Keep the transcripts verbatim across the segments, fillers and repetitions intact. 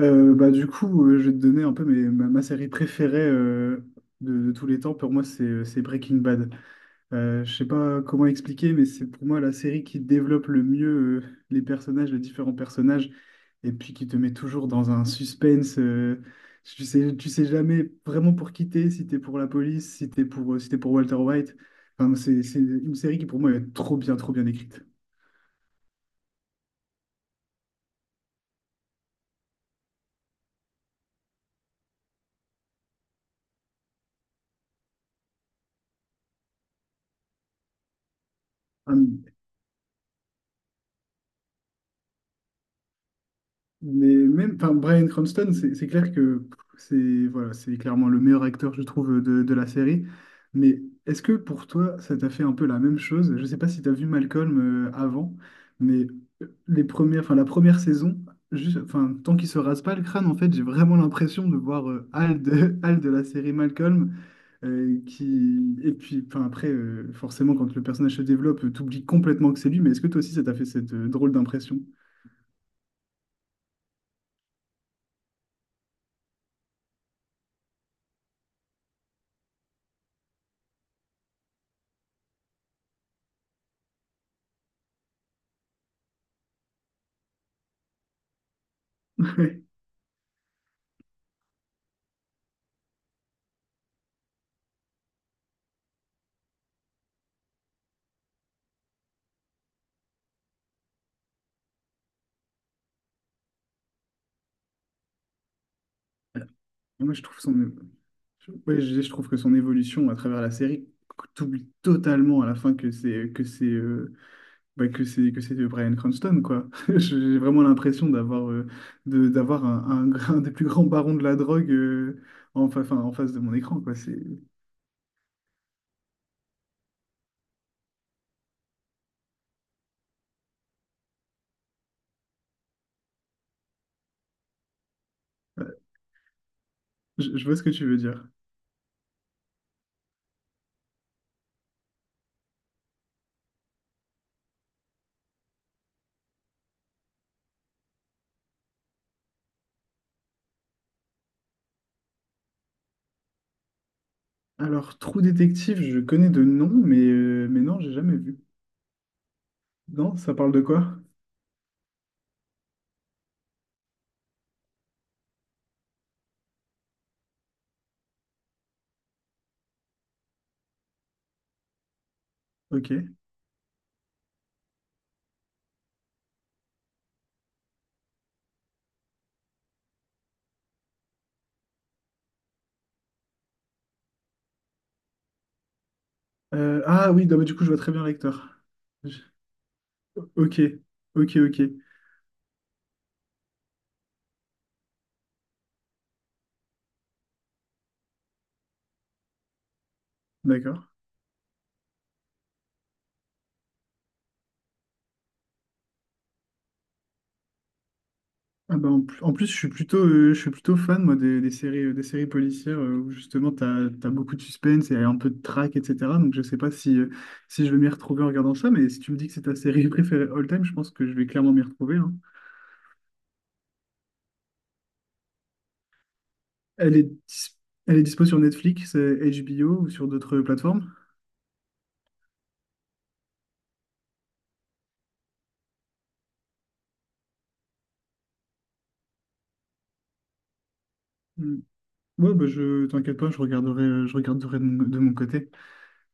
Euh, bah, du coup, euh, je vais te donner un peu mes- ma, ma série préférée euh, de, de tous les temps. Pour moi, c'est euh, c'est Breaking Bad. Euh, je sais pas comment expliquer, mais c'est pour moi la série qui développe le mieux euh, les personnages, les différents personnages, et puis qui te met toujours dans un suspense. euh, tu sais, tu sais jamais vraiment pour qui t'es, si t'es pour la police, si t'es pour, euh, si t'es pour Walter White. Enfin, c'est c'est une série qui pour moi est trop bien, trop bien écrite. I'm. Mais même, enfin, Bryan Cranston, c'est c'est clair que pff, c'est voilà, c'est clairement le meilleur acteur, je trouve, de, de la série. Mais est-ce que pour toi, ça t'a fait un peu la même chose? Je sais pas si tu as vu Malcolm euh, avant, mais euh, les premières, enfin, la première saison, juste, enfin, tant qu'il se rase pas le crâne, en fait, j'ai vraiment l'impression de voir euh, Hal de, Hal de la série Malcolm, euh, qui, et puis, enfin, après, euh, forcément, quand le personnage se développe, euh, t'oublies complètement que c'est lui. Mais est-ce que toi aussi, ça t'a fait cette euh, drôle d'impression? Moi, je trouve son. Oui, je, je trouve que son évolution à travers la série, t'oublies totalement à la fin que c'est que c'est euh, bah, que c'est que c'est de Bryan Cranston quoi. J'ai vraiment l'impression d'avoir euh, de d'avoir un, un, gra- un des plus grands barons de la drogue euh, en, fa- enfin, en face de mon écran quoi. C'est ouais, je, je vois ce que tu veux dire. Alors Trou Détective, je connais de nom, mais euh, mais non, j'ai jamais vu. Non, ça parle de quoi? Ok. Euh, ah oui, non, mais du coup, je vois très bien l'acteur. Je- Ok, ok, ok, d'accord. Ah bah, en, pl- en plus, je suis plutôt, euh, je suis plutôt fan moi, des, des séries, euh, des séries policières euh, où justement tu as, beaucoup de suspense et un peu de traque, et cætera. Donc je sais pas si, euh, si je vais m'y retrouver en regardant ça, mais si tu me dis que c'est ta série préférée all time, je pense que je vais clairement m'y retrouver, hein. Elle est, dis- elle est dispo sur Netflix, euh, H B O ou sur d'autres plateformes. Mm. Ouais, bah je t'inquiète pas, je regarderai, euh, je regarderai de mon, de mon côté.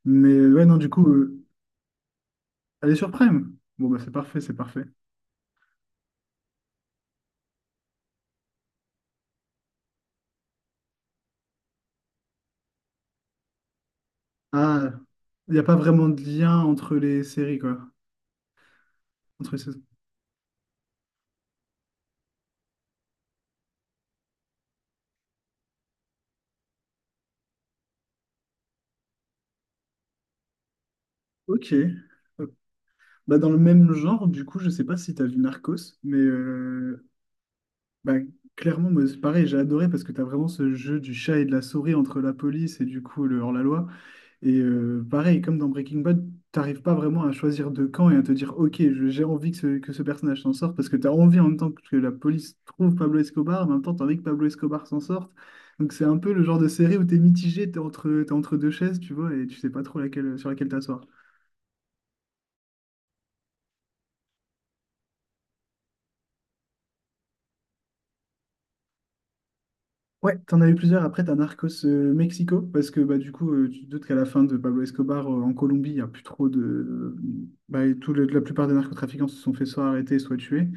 Mais euh, ouais, non, du coup, euh. Elle est sur Prime? Bon, bah, c'est parfait, c'est parfait. Ah, il n'y a pas vraiment de lien entre les séries, quoi. Entre les saisons. Ok. Hop. Bah, dans le même genre, du coup, je sais pas si tu as vu Narcos, mais euh, bah, clairement, moi, c'est pareil, j'ai adoré parce que tu as vraiment ce jeu du chat et de la souris entre la police et du coup le hors-la-loi. Et euh, pareil, comme dans Breaking Bad, t'arrives pas vraiment à choisir de camp et à te dire, ok, je- j'ai envie que ce, que ce personnage s'en sorte, parce que t'as envie en même temps que la police trouve Pablo Escobar, en même temps t'as envie que Pablo Escobar s'en sorte. Donc c'est un peu le genre de série où t'es mitigé, t'es entre, t'es entre deux chaises, tu vois, et tu sais pas trop laquelle, sur laquelle t'asseoir. Ouais, t'en as eu plusieurs après, t'as Narcos euh, Mexico, parce que bah, du coup, euh, tu te doutes qu'à la fin de Pablo Escobar euh, en Colombie, il n'y a plus trop de. Bah, et tout le- la plupart des narcotrafiquants se sont fait soit arrêter, soit tuer.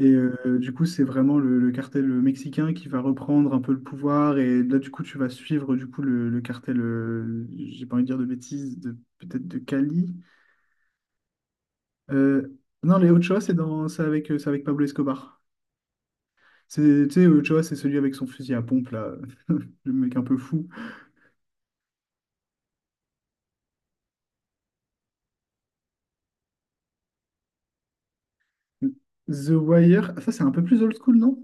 Et euh, du coup, c'est vraiment le, le cartel mexicain qui va reprendre un peu le pouvoir. Et là, du coup, tu vas suivre du coup le, le cartel, euh, j'ai pas envie de dire de bêtises, de, peut-être de Cali. Euh, non, les Ochoa, c'est dans, c'est avec, c'est avec Pablo Escobar. C'est, tu sais, Ochoa, c'est celui avec son fusil à pompe, là, le mec un peu fou. The Wire, ah, ça c'est un peu plus old school, non?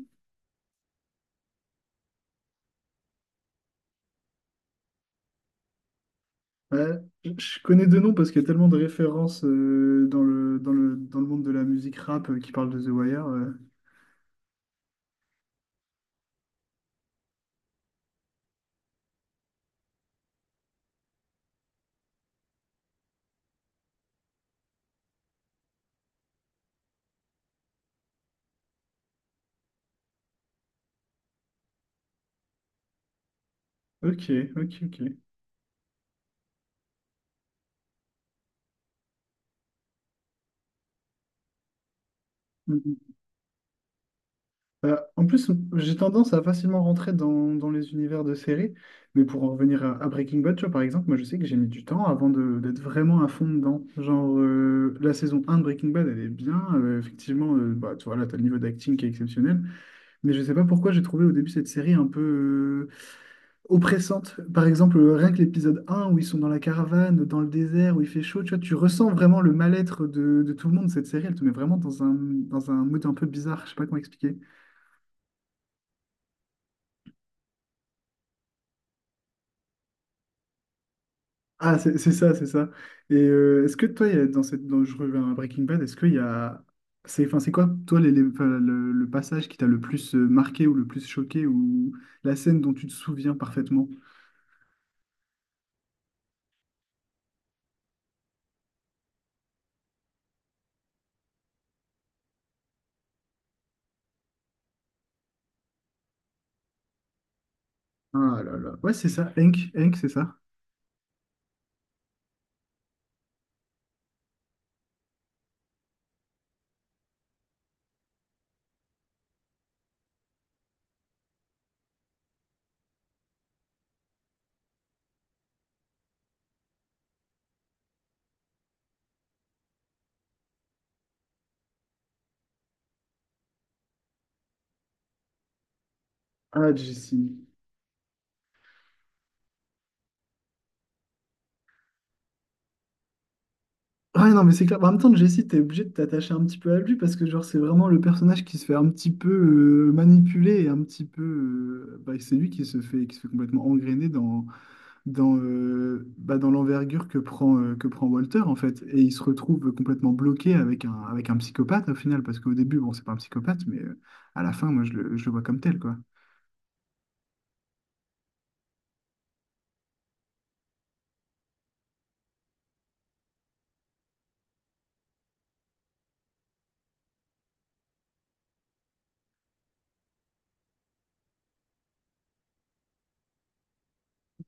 Ouais, je je connais deux noms parce qu'il y a tellement de références euh, dans le, dans le, dans le monde de la musique rap euh, qui parlent de The Wire, euh. Ok, ok, ok. Mm, mm. Euh, en plus, j'ai tendance à facilement rentrer dans, dans les univers de séries, mais pour en revenir à, à Breaking Bad, tu vois, par exemple, moi je sais que j'ai mis du temps avant de- d'être vraiment à fond dedans. Genre, euh, la saison un de Breaking Bad, elle est bien, euh, effectivement, euh, bah, tu vois, là, t'as le niveau d'acting qui est exceptionnel. Mais je sais pas pourquoi j'ai trouvé au début cette série un peu euh, oppressante. Par exemple, euh, rien que l'épisode un où ils sont dans la caravane, dans le désert, où il fait chaud, tu vois, tu ressens vraiment le mal-être de, de tout le monde. Cette série, elle te met vraiment dans un, dans un mood un peu bizarre, je sais pas comment expliquer. Ah, c'est c'est ça, c'est ça. Et euh, est-ce que toi, il y a dans cette, dans, je reviens à Breaking Bad, est-ce qu'il y a... C'est, enfin, c'est quoi, toi, les, les- enfin, le, le passage qui t'a le plus euh, marqué ou le plus choqué ou la scène dont tu te souviens parfaitement? Ah là là. Ouais, c'est ça, Hank, Hank, c'est ça. Ah, Jessie. Ouais, non, mais c'est clair. Bah, en même temps, Jessie, t'es obligé de t'attacher un petit peu à lui parce que, genre, c'est vraiment le personnage qui se fait un petit peu euh, manipuler et un petit peu, euh, bah, c'est lui qui se fait, qui se fait complètement engrainer dans, dans, euh, bah, dans l'envergure que prend, euh, que prend Walter, en fait. Et il se retrouve complètement bloqué avec un, avec un psychopathe, au final, parce qu'au début, bon, c'est pas un psychopathe, mais euh, à la fin, moi, je le, je le vois comme tel, quoi.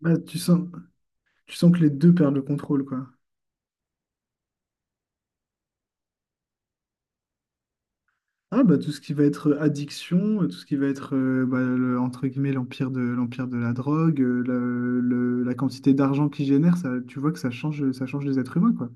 Bah, tu sens, tu sens que les deux perdent le contrôle, quoi. Ah bah tout ce qui va être euh, addiction, euh, tout ce qui va être euh, bah, le- entre guillemets l'empire de l'empire de la drogue, euh, le- le- la quantité d'argent qu'il génère, ça, tu vois que ça change, ça change les êtres humains quoi.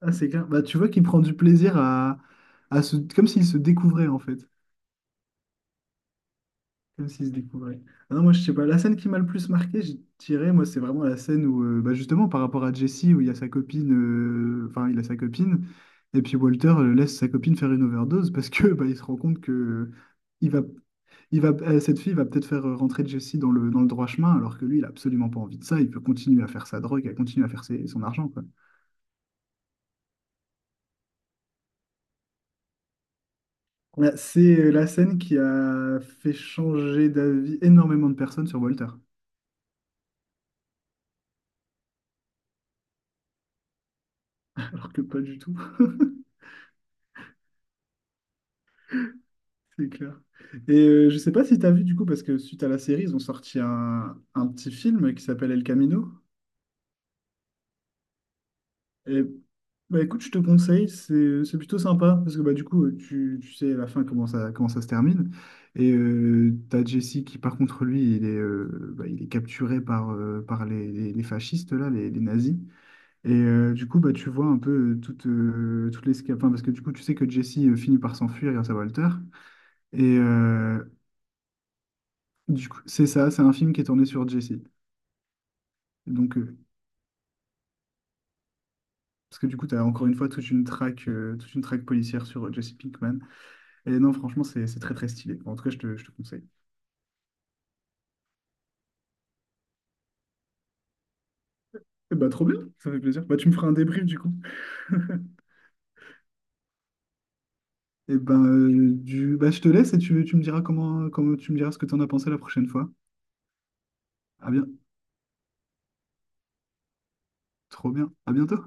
Ah c'est clair. Bah tu vois qu'il prend du plaisir à, à se, comme s'il se découvrait en fait, comme s'il se découvrait. Ah non moi je sais pas. La scène qui m'a le plus marqué, je dirais moi c'est vraiment la scène où euh, bah, justement par rapport à Jesse où il y a sa copine, euh, enfin il a sa copine et puis Walter euh, laisse sa copine faire une overdose parce que bah, il se rend compte que euh, il va il va, euh, cette fille va peut-être faire euh, rentrer Jesse dans le, dans le droit chemin, alors que lui, il a absolument pas envie de ça. Il peut continuer à faire sa drogue, à continuer à faire ses- son argent, quoi. Ouais, c'est euh, la scène qui a fait changer d'avis énormément de personnes sur Walter. Alors que pas du tout. C'est clair. Et euh, je sais pas si tu as vu du coup, parce que suite à la série, ils ont sorti un, un petit film qui s'appelle El Camino. Et, bah, écoute, je te conseille, c'est c'est plutôt sympa parce que bah, du coup, tu, tu sais à la fin comment ça, comment ça se termine. Et euh, t'as Jesse qui, par contre, lui, il est, euh, bah, il est capturé par, euh, par les, les- les fascistes, là, les, les nazis. Et euh, du coup, bah, tu vois un peu euh, toute, euh, toute l'escapade. Enfin, parce que du coup, tu sais que Jesse euh, finit par s'enfuir grâce à Walter. Et euh, du coup, c'est ça, c'est un film qui est tourné sur Jesse. Donc, euh, parce que du coup, tu as encore une fois toute une traque, euh, toute une traque policière sur euh, Jesse Pinkman. Et non, franchement, c'est c'est très très stylé. En tout cas, je te, je te conseille. Et bah, trop bien, ça fait plaisir. Bah, tu me feras un débrief du coup. Et ben euh, du... bah, je te laisse et tu, tu me diras comment, comment tu me diras ce que tu en as pensé la prochaine fois. Ah bien, trop bien. À bientôt.